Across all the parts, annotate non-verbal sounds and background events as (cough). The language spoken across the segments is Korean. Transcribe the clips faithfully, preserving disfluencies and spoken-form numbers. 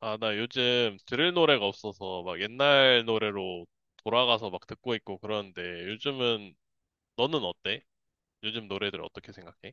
아, 나 요즘 들을 노래가 없어서 막 옛날 노래로 돌아가서 막 듣고 있고 그러는데 요즘은 너는 어때? 요즘 노래들 어떻게 생각해?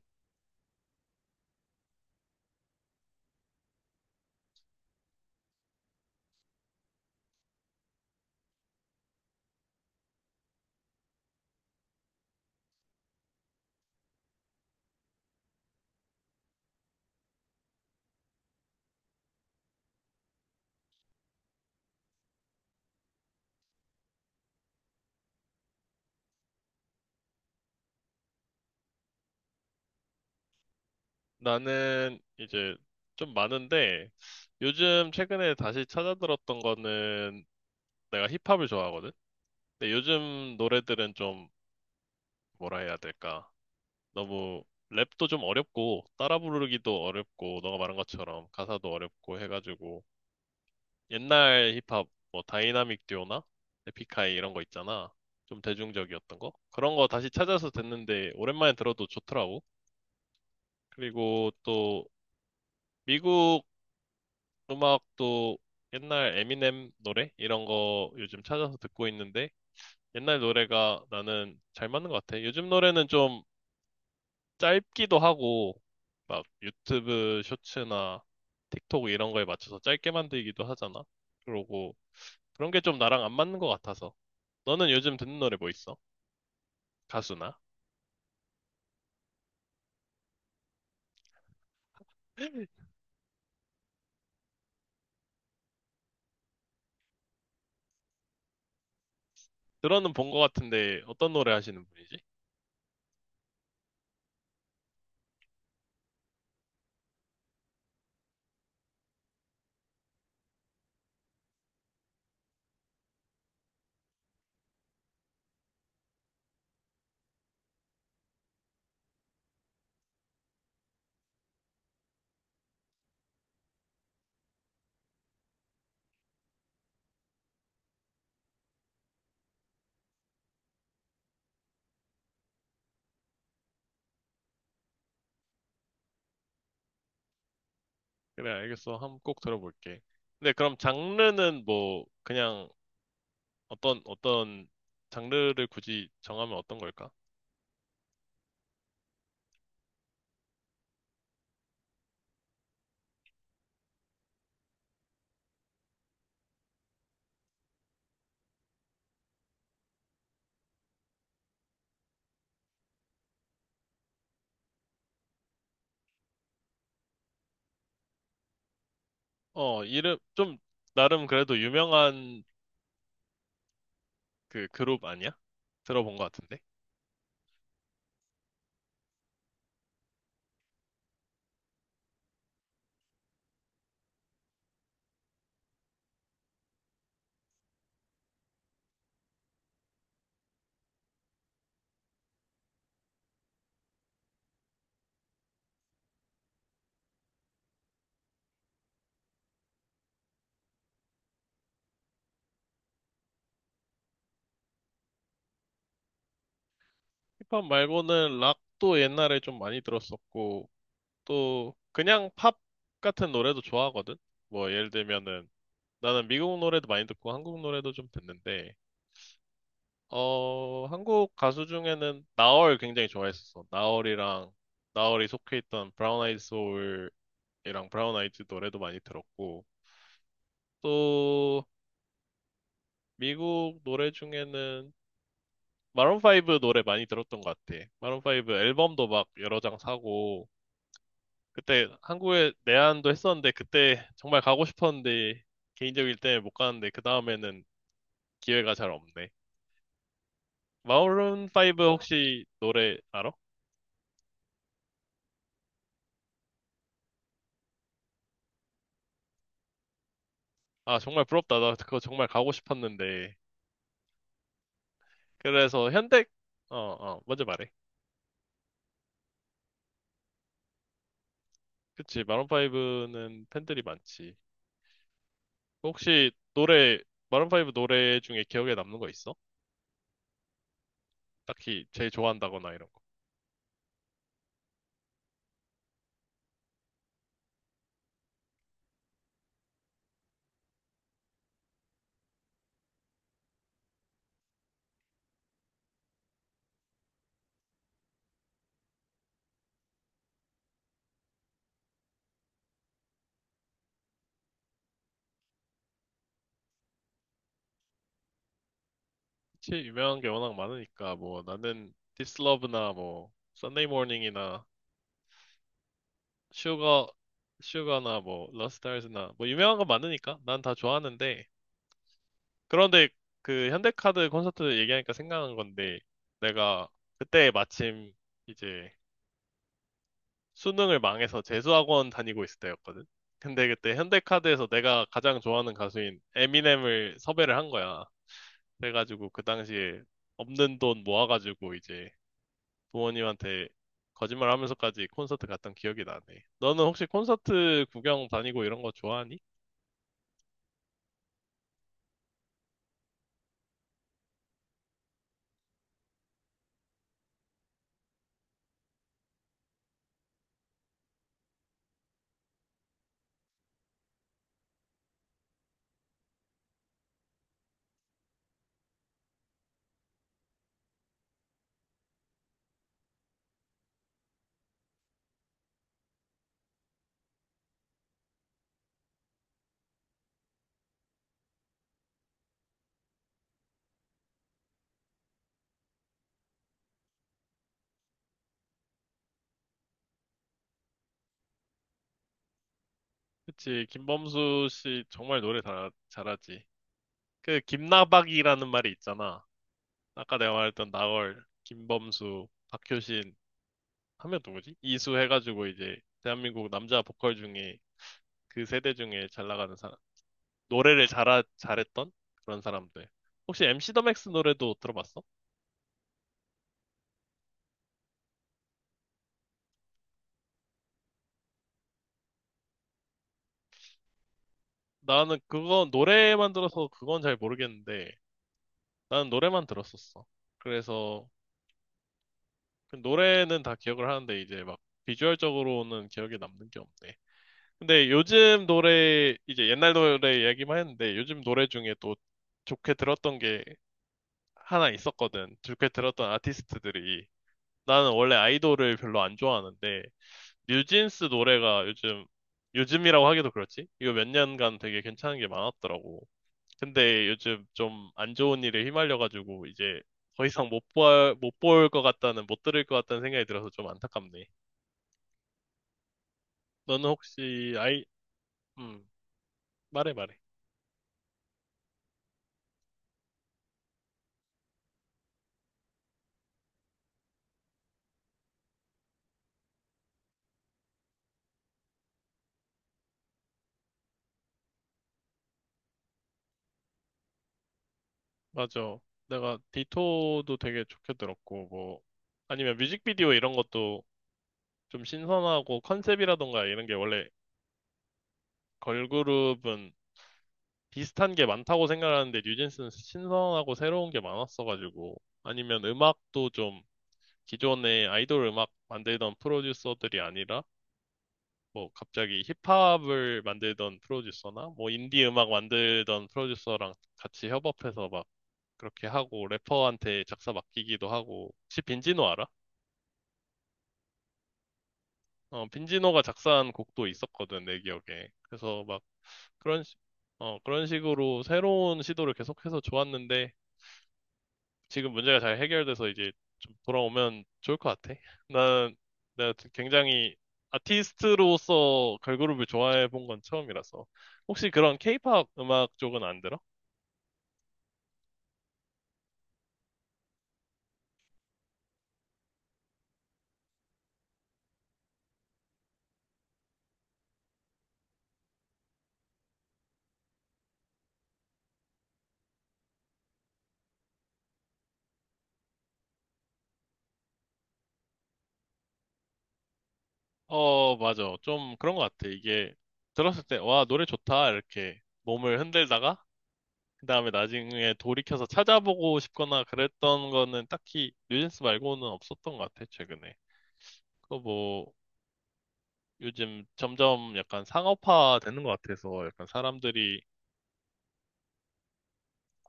나는 이제 좀 많은데 요즘 최근에 다시 찾아 들었던 거는 내가 힙합을 좋아하거든? 근데 요즘 노래들은 좀 뭐라 해야 될까? 너무 랩도 좀 어렵고 따라 부르기도 어렵고 너가 말한 것처럼 가사도 어렵고 해가지고 옛날 힙합 뭐 다이나믹 듀오나 에픽하이 이런 거 있잖아. 좀 대중적이었던 거. 그런 거 다시 찾아서 듣는데 오랜만에 들어도 좋더라고. 그리고 또 미국 음악도 옛날 에미넴 노래 이런 거 요즘 찾아서 듣고 있는데 옛날 노래가 나는 잘 맞는 것 같아. 요즘 노래는 좀 짧기도 하고 막 유튜브 쇼츠나 틱톡 이런 거에 맞춰서 짧게 만들기도 하잖아. 그러고 그런 게 좀 나랑 안 맞는 것 같아서. 너는 요즘 듣는 노래 뭐 있어? 가수나? (laughs) 들어는 본 것 같은데 어떤 노래 하시는 분이지? 그래, 알겠어. 한번 꼭 들어볼게. 근데 그럼 장르는 뭐 그냥 어떤 어떤 장르를 굳이 정하면 어떤 걸까? 어, 이름 좀 나름 그래도 유명한 그 그룹 아니야? 들어본 것 같은데. 힙합 말고는 락도 옛날에 좀 많이 들었었고 또 그냥 팝 같은 노래도 좋아하거든. 뭐 예를 들면은 나는 미국 노래도 많이 듣고 한국 노래도 좀 듣는데, 어, 한국 가수 중에는 나얼 굉장히 좋아했었어. 나얼이랑, 나얼이 속해 있던 브라운 아이드 소울이랑 브라운 아이즈 노래도 많이 들었고, 또, 미국 노래 중에는 마룬 파이브 노래 많이 들었던 것 같아. 마룬 파이브 앨범도 막 여러 장 사고, 그때 한국에 내한도 했었는데, 그때 정말 가고 싶었는데, 개인적일 때문에 못 가는데, 그 다음에는 기회가 잘 없네. 마룬 파이브 혹시 노래 알아? 아, 정말 부럽다. 나 그거 정말 가고 싶었는데. 그래서 현대, 어, 어, 먼저 말해. 그치, 마룬 파이브는 팬들이 많지. 혹시 노래, 마룬 파이브 노래 중에 기억에 남는 거 있어? 딱히 제일 좋아한다거나 이런 거. 그치, 유명한 게 워낙 많으니까, 뭐, 나는 This Love나 뭐, Sunday Morning이나 Sugar, Sugar나 뭐, Lost Stars나 뭐, 유명한 거 많으니까 난 다 좋아하는데, 그런데 그 현대카드 콘서트 얘기하니까 생각난 건데 내가 그때 마침 이제 수능을 망해서 재수학원 다니고 있을 때였거든. 근데 그때 현대카드에서 내가 가장 좋아하는 가수인 에미넴을 섭외를 한 거야. 그래가지고 그 당시에 없는 돈 모아가지고 이제 부모님한테 거짓말 하면서까지 콘서트 갔던 기억이 나네. 너는 혹시 콘서트 구경 다니고 이런 거 좋아하니? 그치, 김범수 씨 정말 노래 잘, 잘하지. 그 김나박이라는 말이 있잖아. 아까 내가 말했던 나얼, 김범수, 박효신 하면 누구지? 이수 해가지고 이제 대한민국 남자 보컬 중에 그 세대 중에 잘 나가는 사람, 노래를 잘 잘했던 그런 사람들. 혹시 엠씨 더 맥스 노래도 들어봤어? 나는 그거 노래만 들어서 그건 잘 모르겠는데 나는 노래만 들었었어. 그래서 그 노래는 다 기억을 하는데 이제 막 비주얼적으로는 기억에 남는 게 없네. 근데 요즘 노래, 이제 옛날 노래 얘기만 했는데 요즘 노래 중에 또 좋게 들었던 게 하나 있었거든. 좋게 들었던 아티스트들이. 나는 원래 아이돌을 별로 안 좋아하는데 뉴진스 노래가 요즘, 요즘이라고 하기도 그렇지? 이거 몇 년간 되게 괜찮은 게 많았더라고. 근데 요즘 좀 안 좋은 일에 휘말려가지고 이제 더 이상 못 볼, 못 볼 것 같다는, 못 들을 것 같다는 생각이 들어서 좀 안타깝네. 너는 혹시 아이, 음, 말해 말해. 맞아. 내가 디토도 되게 좋게 들었고, 뭐, 아니면 뮤직비디오 이런 것도 좀 신선하고 컨셉이라던가 이런 게 원래 걸그룹은 비슷한 게 많다고 생각하는데 뉴진스는 신선하고 새로운 게 많았어가지고, 아니면 음악도 좀 기존의 아이돌 음악 만들던 프로듀서들이 아니라 뭐 갑자기 힙합을 만들던 프로듀서나 뭐 인디 음악 만들던 프로듀서랑 같이 협업해서 막 그렇게 하고 래퍼한테 작사 맡기기도 하고 혹시 빈지노 알아? 어 빈지노가 작사한 곡도 있었거든 내 기억에. 그래서 막 그런 시- 어 그런 식으로 새로운 시도를 계속해서 좋았는데 지금 문제가 잘 해결돼서 이제 좀 돌아오면 좋을 것 같아. 나는 내가 굉장히 아티스트로서 걸그룹을 좋아해 본 건 처음이라서. 혹시 그런 케이팝 음악 쪽은 안 들어? 어, 맞아. 좀 그런 것 같아. 이게 들었을 때, 와, 노래 좋다. 이렇게 몸을 흔들다가, 그 다음에 나중에 돌이켜서 찾아보고 싶거나 그랬던 거는 딱히 뉴진스 말고는 없었던 것 같아, 최근에. 그거 뭐, 요즘 점점 약간 상업화 되는 것 같아서 약간 사람들이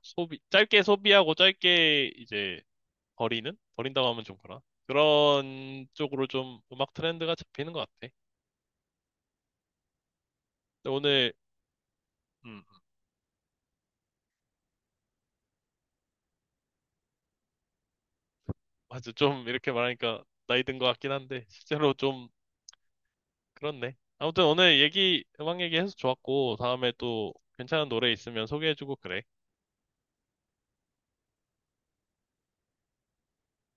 소비, 짧게 소비하고 짧게 이제 버리는? 버린다고 하면 좀 그러나? 그런 쪽으로 좀 음악 트렌드가 잡히는 것 같아. 근데 오늘, 음, 맞아. 좀 이렇게 말하니까 나이 든 것 같긴 한데, 실제로 좀 그렇네. 아무튼 오늘 얘기, 음악 얘기해서 좋았고, 다음에 또 괜찮은 노래 있으면 소개해주고 그래.